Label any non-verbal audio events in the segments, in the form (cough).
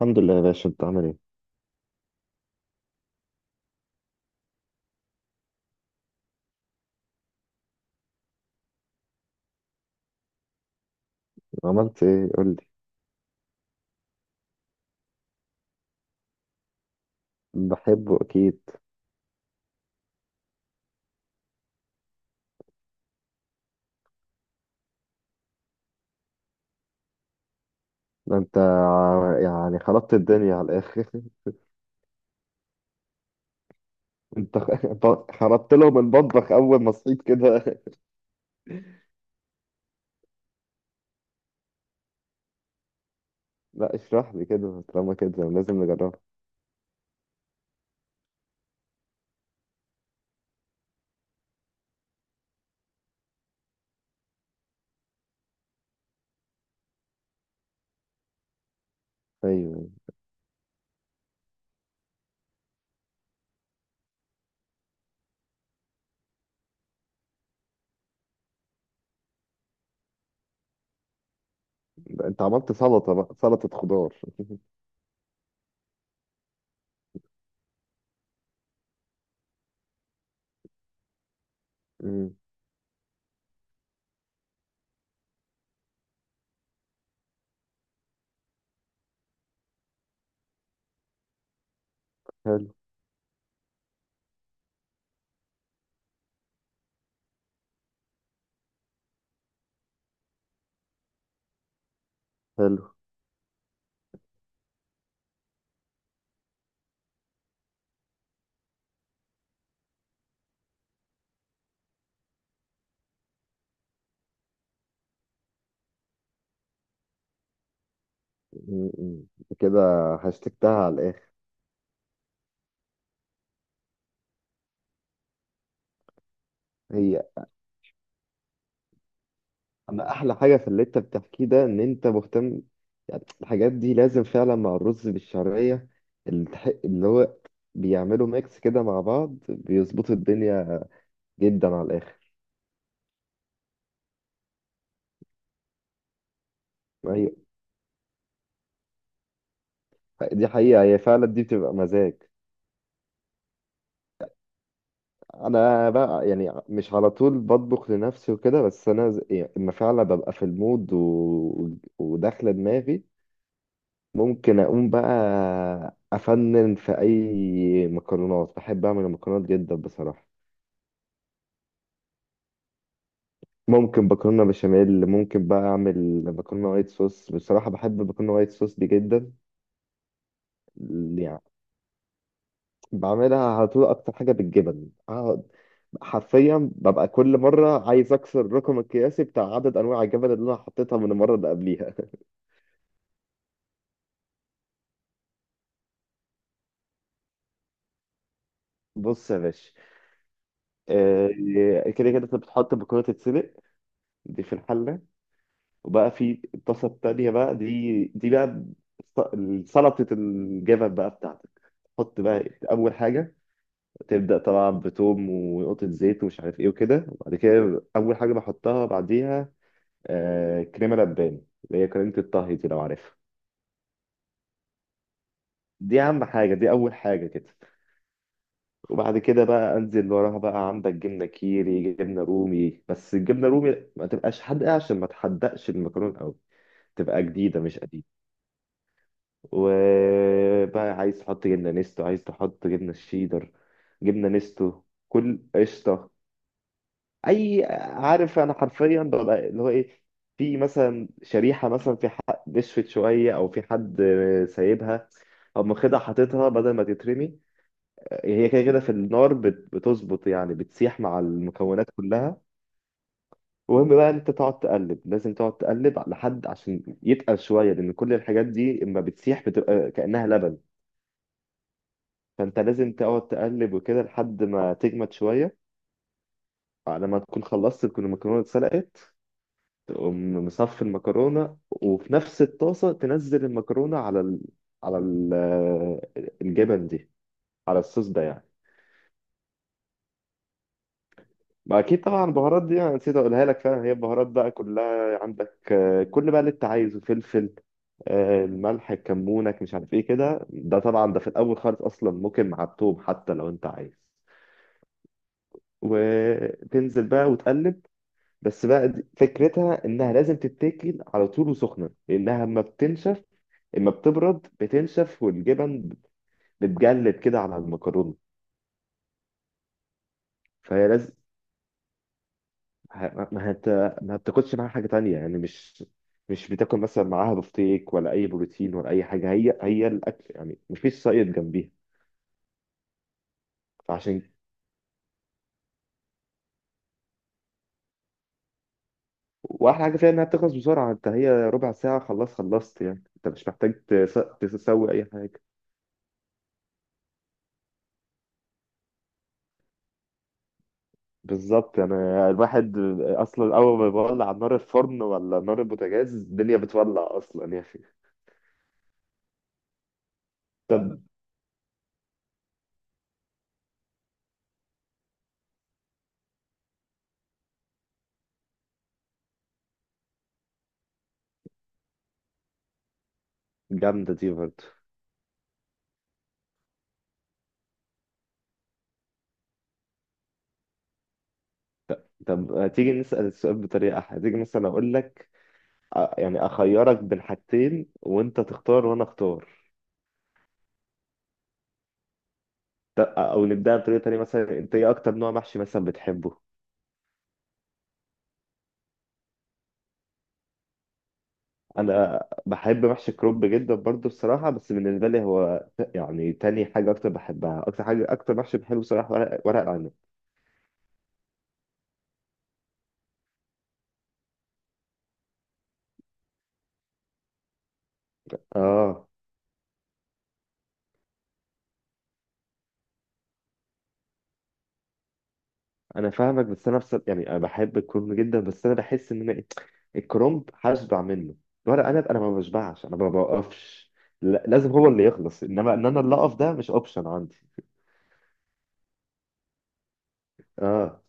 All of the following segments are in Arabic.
الحمد لله يا باشا، انت عامل ايه؟ عملت ايه قول لي. بحبه اكيد. يعني خربت الدنيا على الاخر. (laughs) انت خربت لهم المطبخ اول ما صحيت كده. (laughs) لا اشرح لي كده، طالما كده لازم نجربها. ايوه، ده انت عملت سلطه بقى، سلطه خضار. (laughs) امم، حلو حلو. امم، امم. كده هشتكتها على الاخر. هي انا احلى حاجه في اللي انت بتحكيه ده ان انت مهتم. يعني الحاجات دي لازم فعلا مع الرز بالشعريه، اللي هو بيعملوا ميكس كده مع بعض، بيظبطوا الدنيا جدا على الاخر. ايوه، دي حقيقه، هي فعلا دي بتبقى مزاج. انا بقى يعني مش على طول بطبخ لنفسي وكده، بس يعني اما فعلا ببقى في المود وداخله دماغي ممكن اقوم بقى افنن في اي مكرونات. بحب اعمل المكرونات جدا بصراحه. ممكن مكرونه بشاميل، ممكن بقى اعمل مكرونه وايت صوص. بصراحه بحب المكرونه وايت صوص دي جدا يعني. بعملها على طول اكتر حاجه بالجبن. اقعد حرفيا ببقى كل مره عايز اكسر الرقم القياسي بتاع عدد انواع الجبن اللي انا حطيتها من المره اللي قبليها. (laughs) بص يا باشا، آه، كده كده انت بتحط المكرونه تتسلق، دي في الحله. وبقى في الطاسه التانيه بقى، دي بقى سلطه الجبن بقى بتاعتك. تحط بقى اول حاجه، تبدأ طبعا بتوم ونقطة زيت ومش عارف ايه وكده. وبعد كده أول حاجة بحطها بعديها، آه، كريمة لبان اللي هي كريمة الطهي دي لو عارفها. دي أهم حاجة، دي أول حاجة كده. وبعد كده بقى أنزل وراها، بقى عندك جبنة كيري، جبنة رومي. بس الجبنة رومي ما تبقاش حادقة عشان ما تحدقش المكرونة أوي، تبقى جديدة مش قديمة. وبقى عايز تحط جبنة نستو، عايز تحط جبنة شيدر، جبنة نستو، كل قشطة، اي. عارف انا حرفيا ببقى اللي هو ايه، في مثلا شريحه، مثلا في حد نشفت شويه، او في حد سايبها، او مخدها حاططها بدل ما تترمي. هي كده كده في النار بتظبط يعني، بتسيح مع المكونات كلها. المهم بقى انت تقعد تقلب، لازم تقعد تقلب لحد عشان يتقل شويه، لان كل الحاجات دي اما بتسيح بتبقى كانها لبن. فانت لازم تقعد تقلب وكده لحد ما تجمد شويه، على ما تكون خلصت تكون المكرونه اتسلقت. تقوم مصفي المكرونة، وفي نفس الطاسة تنزل المكرونة على على ال... الجبن دي، على الصوص ده يعني. ما أكيد طبعا، البهارات دي أنا نسيت أقولها لك. فعلا هي البهارات بقى كلها عندك، آه، كل بقى اللي أنت عايزه، فلفل، آه، الملح، الكمونك، مش عارف إيه كده. ده طبعا ده في الأول خالص، أصلا ممكن مع التوم حتى لو أنت عايز. وتنزل بقى وتقلب. بس بقى فكرتها إنها لازم تتاكل على طول وسخنة، لأنها ما بتنشف. اما بتبرد بتنشف والجبن بتجلد كده على المكرونه. فهي لازم ه- ما هت... ما بتاكلش معاها حاجه تانية يعني. مش بتاكل مثلا معاها بفتيك ولا اي بروتين ولا اي حاجه. هي هي الاكل يعني، مفيش سايد جنبيها. فعشان واحلى حاجه فيها انها بتخلص بسرعه. انت هي ربع ساعه خلاص خلصت يعني، انت مش محتاج تسوي اي حاجه. بالظبط. انا الواحد اصلا اول ما بيولع على نار الفرن ولا نار البوتاجاز، الدنيا بتولع اصلا يا اخي. طب. جامده دي برضه. طب تيجي نسأل السؤال بطريقة أحلى، تيجي مثلا أقول لك، يعني أخيرك بين حاجتين وأنت تختار وأنا أختار. أو نبدأ بطريقة تانية، مثلا أنت إيه أكتر نوع محشي مثلا بتحبه؟ أنا بحب محشي الكرنب جدا برضه بصراحة، بس بالنسبة لي هو يعني تاني حاجة أكتر بحبها، أكتر حاجة أكتر محشي بحبه بصراحة، ورق العنب. آه. أنا فاهمك، بس أنا بصراحة يعني أنا بحب الكرنب جدا، بس أنا بحس إن أنا الكرومب هشبع منه. ورق عنب انا ما بشبعش، انا ما بوقفش. لازم هو اللي يخلص، انما ان انا اللي اقف ده مش اوبشن عندي. اه.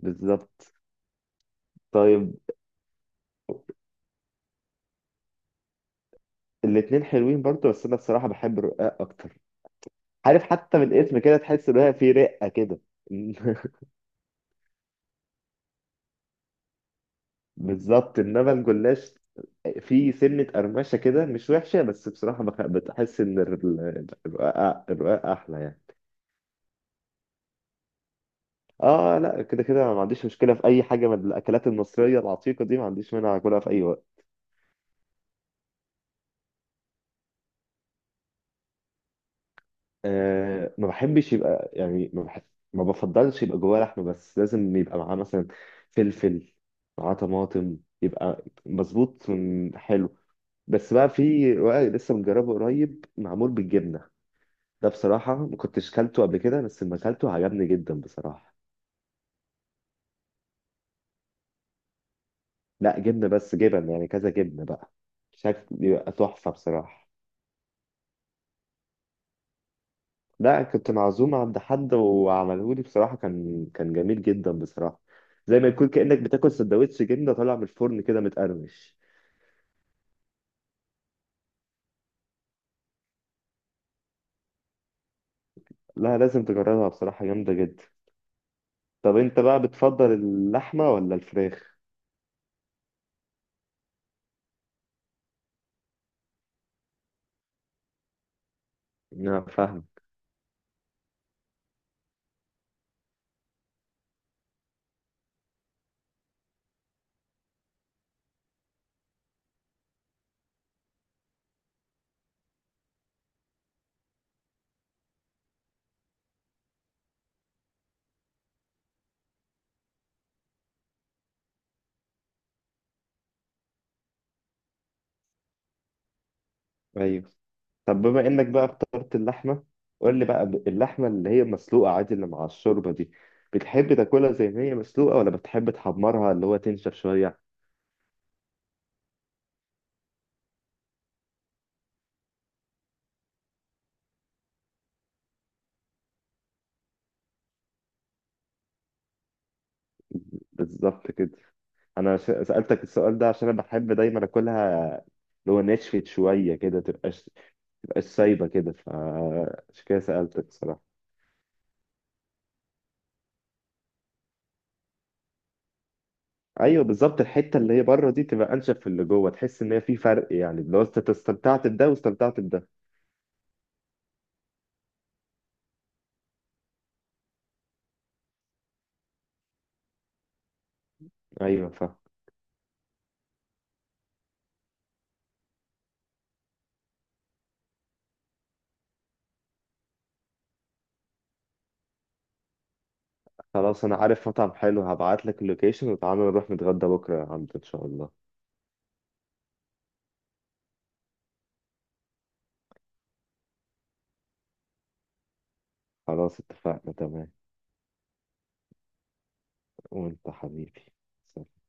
بالظبط. طيب. الاتنين حلوين برضه، بس انا الصراحه بحب الرقاق اكتر. عارف حتى من الاسم كده تحس ان هي في رقه كده. (laughs) بالظبط. انما الجلاش، في سنه قرمشه كده مش وحشه، بس بصراحه بتحس ان الرقاق، الرقاق احلى يعني. اه لا، كده كده ما عنديش مشكله في اي حاجه من الاكلات المصريه العتيقه دي، ما عنديش مانع اكلها في اي وقت. آه، ما بحبش يبقى يعني، ما بحب ما بفضلش يبقى جواه لحمه بس، لازم يبقى معاه مثلا فلفل، معاه طماطم، يبقى مظبوط حلو. بس بقى في رقاق لسه مجربه قريب، معمول بالجبنه، ده بصراحه ما كنتش كلته قبل كده، بس لما كلته عجبني جدا بصراحه. لا جبنه بس، جبن يعني كذا جبنه بقى، شكل يبقى تحفه بصراحه. لا كنت معزوم عند حد وعملهولي بصراحة، كان جميل جدا بصراحة. زي ما يكون كأنك بتاكل سندوتش جبنة طالع من الفرن كده، متقرمش. لا لازم تجربها بصراحة، جامدة جدا. طب انت بقى بتفضل اللحمة ولا الفراخ؟ نعم فاهم. ايوه. طب بما انك بقى اخترت اللحمة، قول لي بقى اللحمة اللي هي مسلوقة عادي اللي مع الشوربة دي، بتحب تاكلها زي ما هي مسلوقة، ولا بتحب تحمرها اللي هو تنشف شوية؟ بالظبط كده. انا سألتك السؤال ده عشان انا بحب دايما اكلها، اللي هو نشفت شويه كده، تبقاش سايبه كده، فعشان كده سألتك الصراحه. ايوه بالظبط، الحته اللي هي بره دي تبقى انشف في اللي جوه، تحس ان هي في فرق يعني، لو انت استمتعت بده واستمتعت بده. ايوه فاهم. خلاص انا عارف مطعم حلو، هبعت لك اللوكيشن وتعالى نروح نتغدى بكره عنده ان شاء الله. خلاص اتفقنا، تمام. وانت حبيبي. سلام.